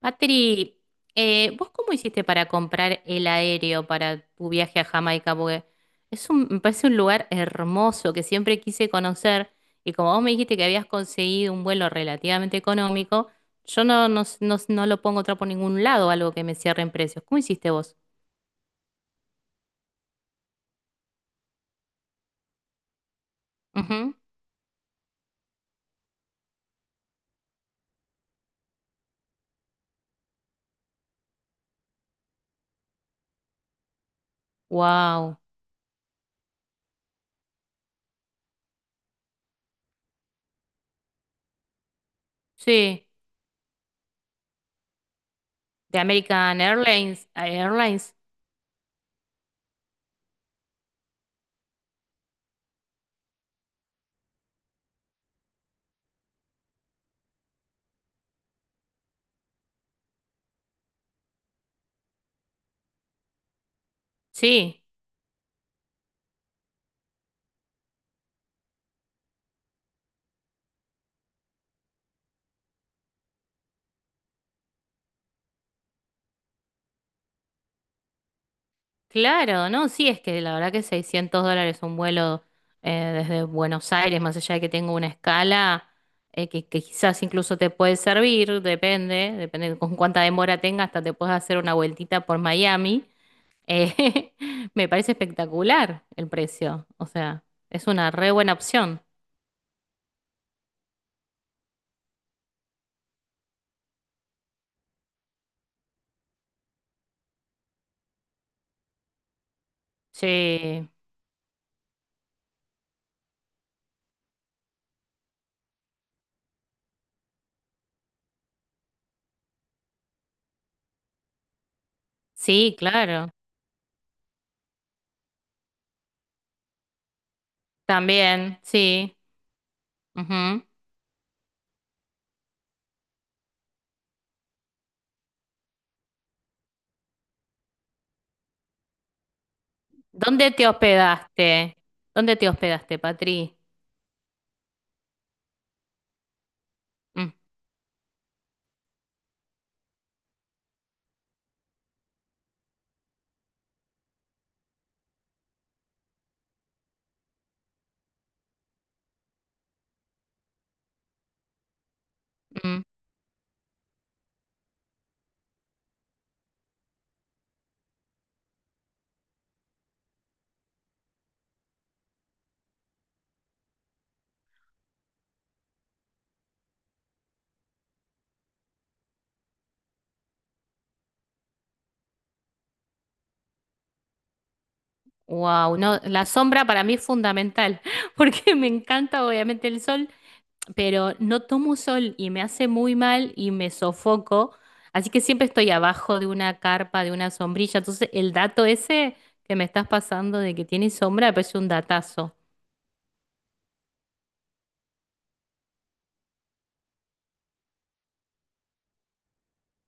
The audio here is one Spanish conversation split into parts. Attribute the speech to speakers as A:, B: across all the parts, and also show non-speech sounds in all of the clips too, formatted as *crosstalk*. A: Patri, ¿vos cómo hiciste para comprar el aéreo para tu viaje a Jamaica? Porque es un, me parece un lugar hermoso que siempre quise conocer y como vos me dijiste que habías conseguido un vuelo relativamente económico, yo no lo pongo otra por ningún lado, algo que me cierre en precios. ¿Cómo hiciste vos? Wow, sí, de American Airlines, Airlines, sí. Claro, no, sí, es que la verdad que $600 un vuelo desde Buenos Aires, más allá de que tenga una escala que quizás incluso te puede servir, depende de con cuánta demora tenga, hasta te puedes hacer una vueltita por Miami. Eh, *laughs* Me parece espectacular el precio, o sea, es una re buena opción. Sí, sí, claro, también, sí. Ujú. ¿Dónde te hospedaste? ¿Dónde te hospedaste, Patri? Mm, mm. Wow, no, la sombra para mí es fundamental, *laughs* porque me encanta obviamente el sol, pero no tomo sol y me hace muy mal y me sofoco, así que siempre estoy abajo de una carpa, de una sombrilla, entonces el dato ese que me estás pasando de que tiene sombra me parece un datazo.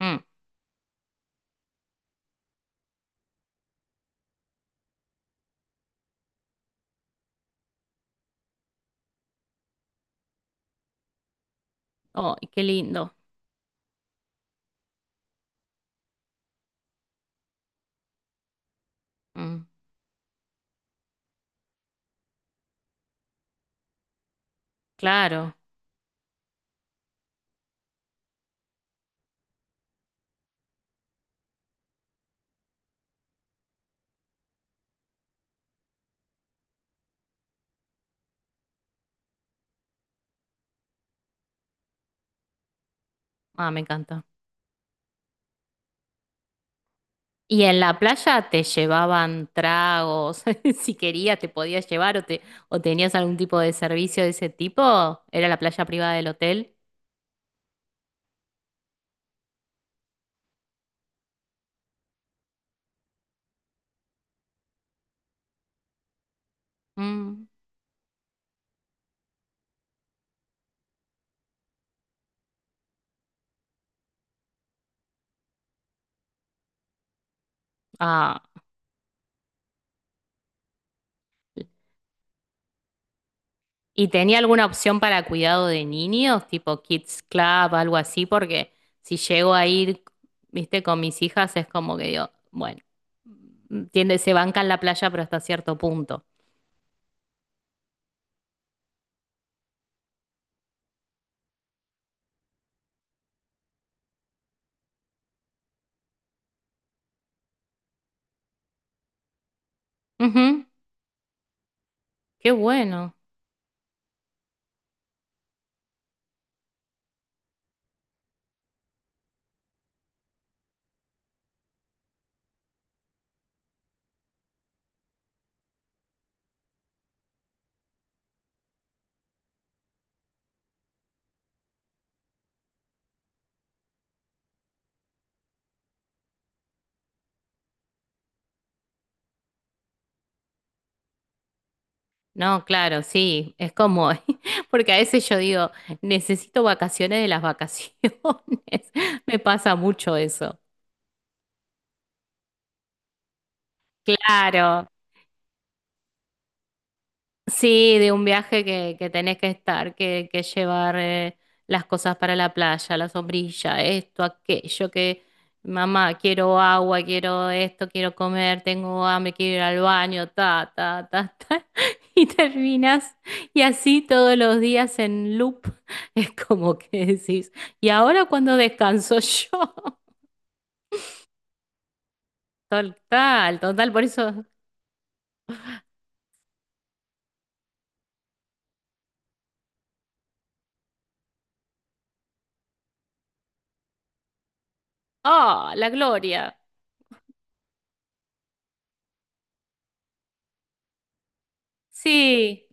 A: Mm. Oh, qué lindo. Mm, claro, ah, me encanta. Y en la playa te llevaban tragos, *laughs* si querías te podías llevar o te o tenías algún tipo de servicio de ese tipo, era la playa privada del hotel. Mm, ah. ¿Y tenía alguna opción para cuidado de niños, tipo Kids Club, algo así? Porque si llego a ir, viste, con mis hijas es como que digo, bueno, mm, tiende, se banca en la playa, pero hasta cierto punto. Ujú, qué bueno. No, claro, sí, es como, *laughs* porque a veces yo digo, necesito vacaciones de las vacaciones, *laughs* me pasa mucho eso. Claro, sí, de un viaje que tenés que estar, que llevar las cosas para la playa, la sombrilla, esto, aquello, que mamá, quiero agua, quiero esto, quiero comer, tengo hambre, quiero ir al baño, ta, ta, ta, *laughs* ta. Y terminas, y así todos los días en loop, *laughs* es como que decís, ¿y ahora cuando descanso *laughs* yo? Total, total, por eso, ¡ah, la gloria! Sí,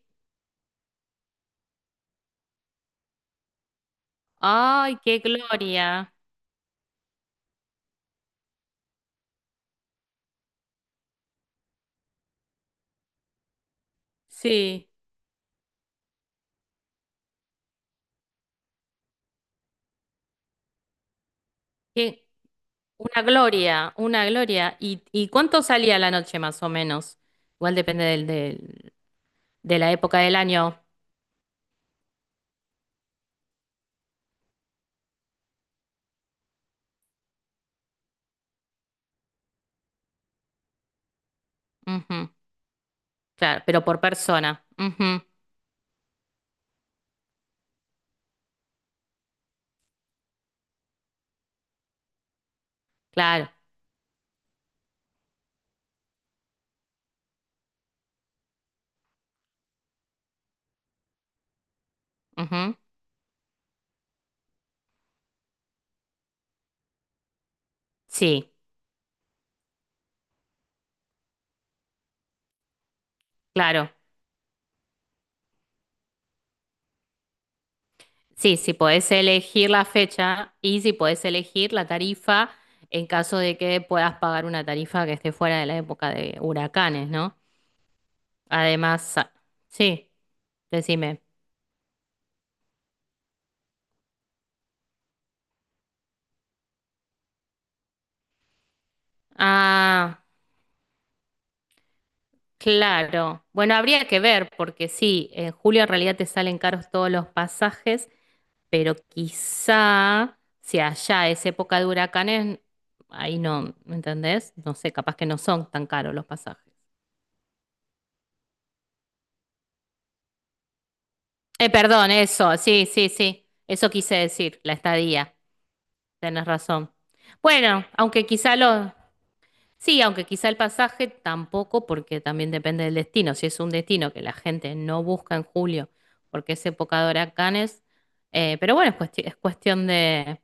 A: ¡ay, qué gloria! Sí, qué, una gloria, una gloria. Y cuánto salía la noche más o menos? Igual depende del, del, de la época del año. Ujú, claro, pero por persona. Ujú, claro. Ujú, sí, claro. Sí, si podés elegir la fecha y si podés elegir la tarifa en caso de que puedas pagar una tarifa que esté fuera de la época de huracanes, ¿no? Además, sa- sí, decime. Ah. Claro, bueno, habría que ver, porque sí, en julio en realidad te salen caros todos los pasajes, pero quizá si allá es época de huracanes, ahí no, ¿me entendés? No sé, capaz que no son tan caros los pasajes. Perdón, eso, sí, sí, sí, eso quise decir, la estadía, tenés razón. Bueno, aunque quizá los, sí, aunque quizá el pasaje tampoco, porque también depende del destino. Si es un destino que la gente no busca en julio, porque es época de huracanes, pero bueno, es, cuesti- es cuestión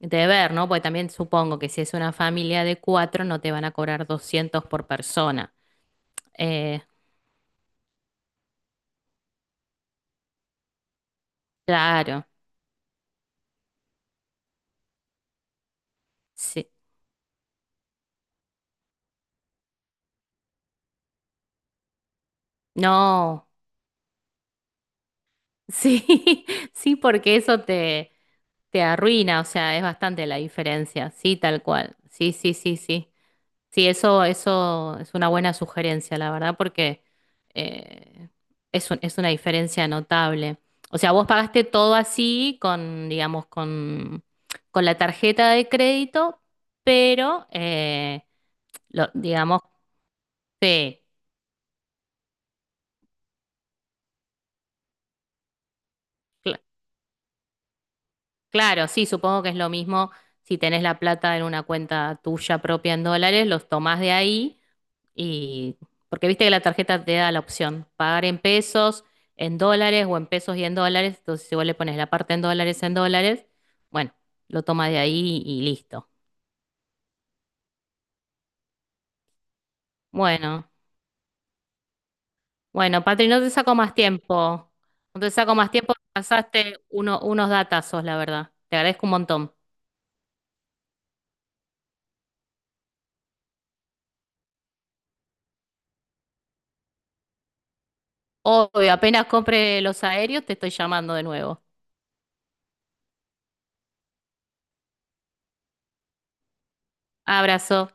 A: de ver, ¿no? Porque también supongo que si es una familia de cuatro, no te van a cobrar 200 por persona. Eh, claro, sí. No, sí, *laughs* sí, porque eso te, te arruina, o sea, es bastante la diferencia. Sí, tal cual. Sí, sí, sí, sí. Sí, eso es una buena sugerencia, la verdad, porque eh, es un, es una diferencia notable. O sea, vos pagaste todo así con, digamos, con la tarjeta de crédito, pero, lo, digamos, sí, cl- claro, sí, supongo que es lo mismo si tenés la plata en una cuenta tuya propia en dólares, los tomás de ahí. Y porque viste que la tarjeta te da la opción, pagar en pesos, en dólares o en pesos y en dólares. Entonces, si vos le pones la parte en dólares, bueno, lo toma de ahí y listo. Bueno, bueno, Patri, no te saco más tiempo. No te saco más tiempo, pasaste uno- unos datazos, la verdad. Te agradezco un montón. Obvio, apenas compre los aéreos, te estoy llamando de nuevo. Abrazo.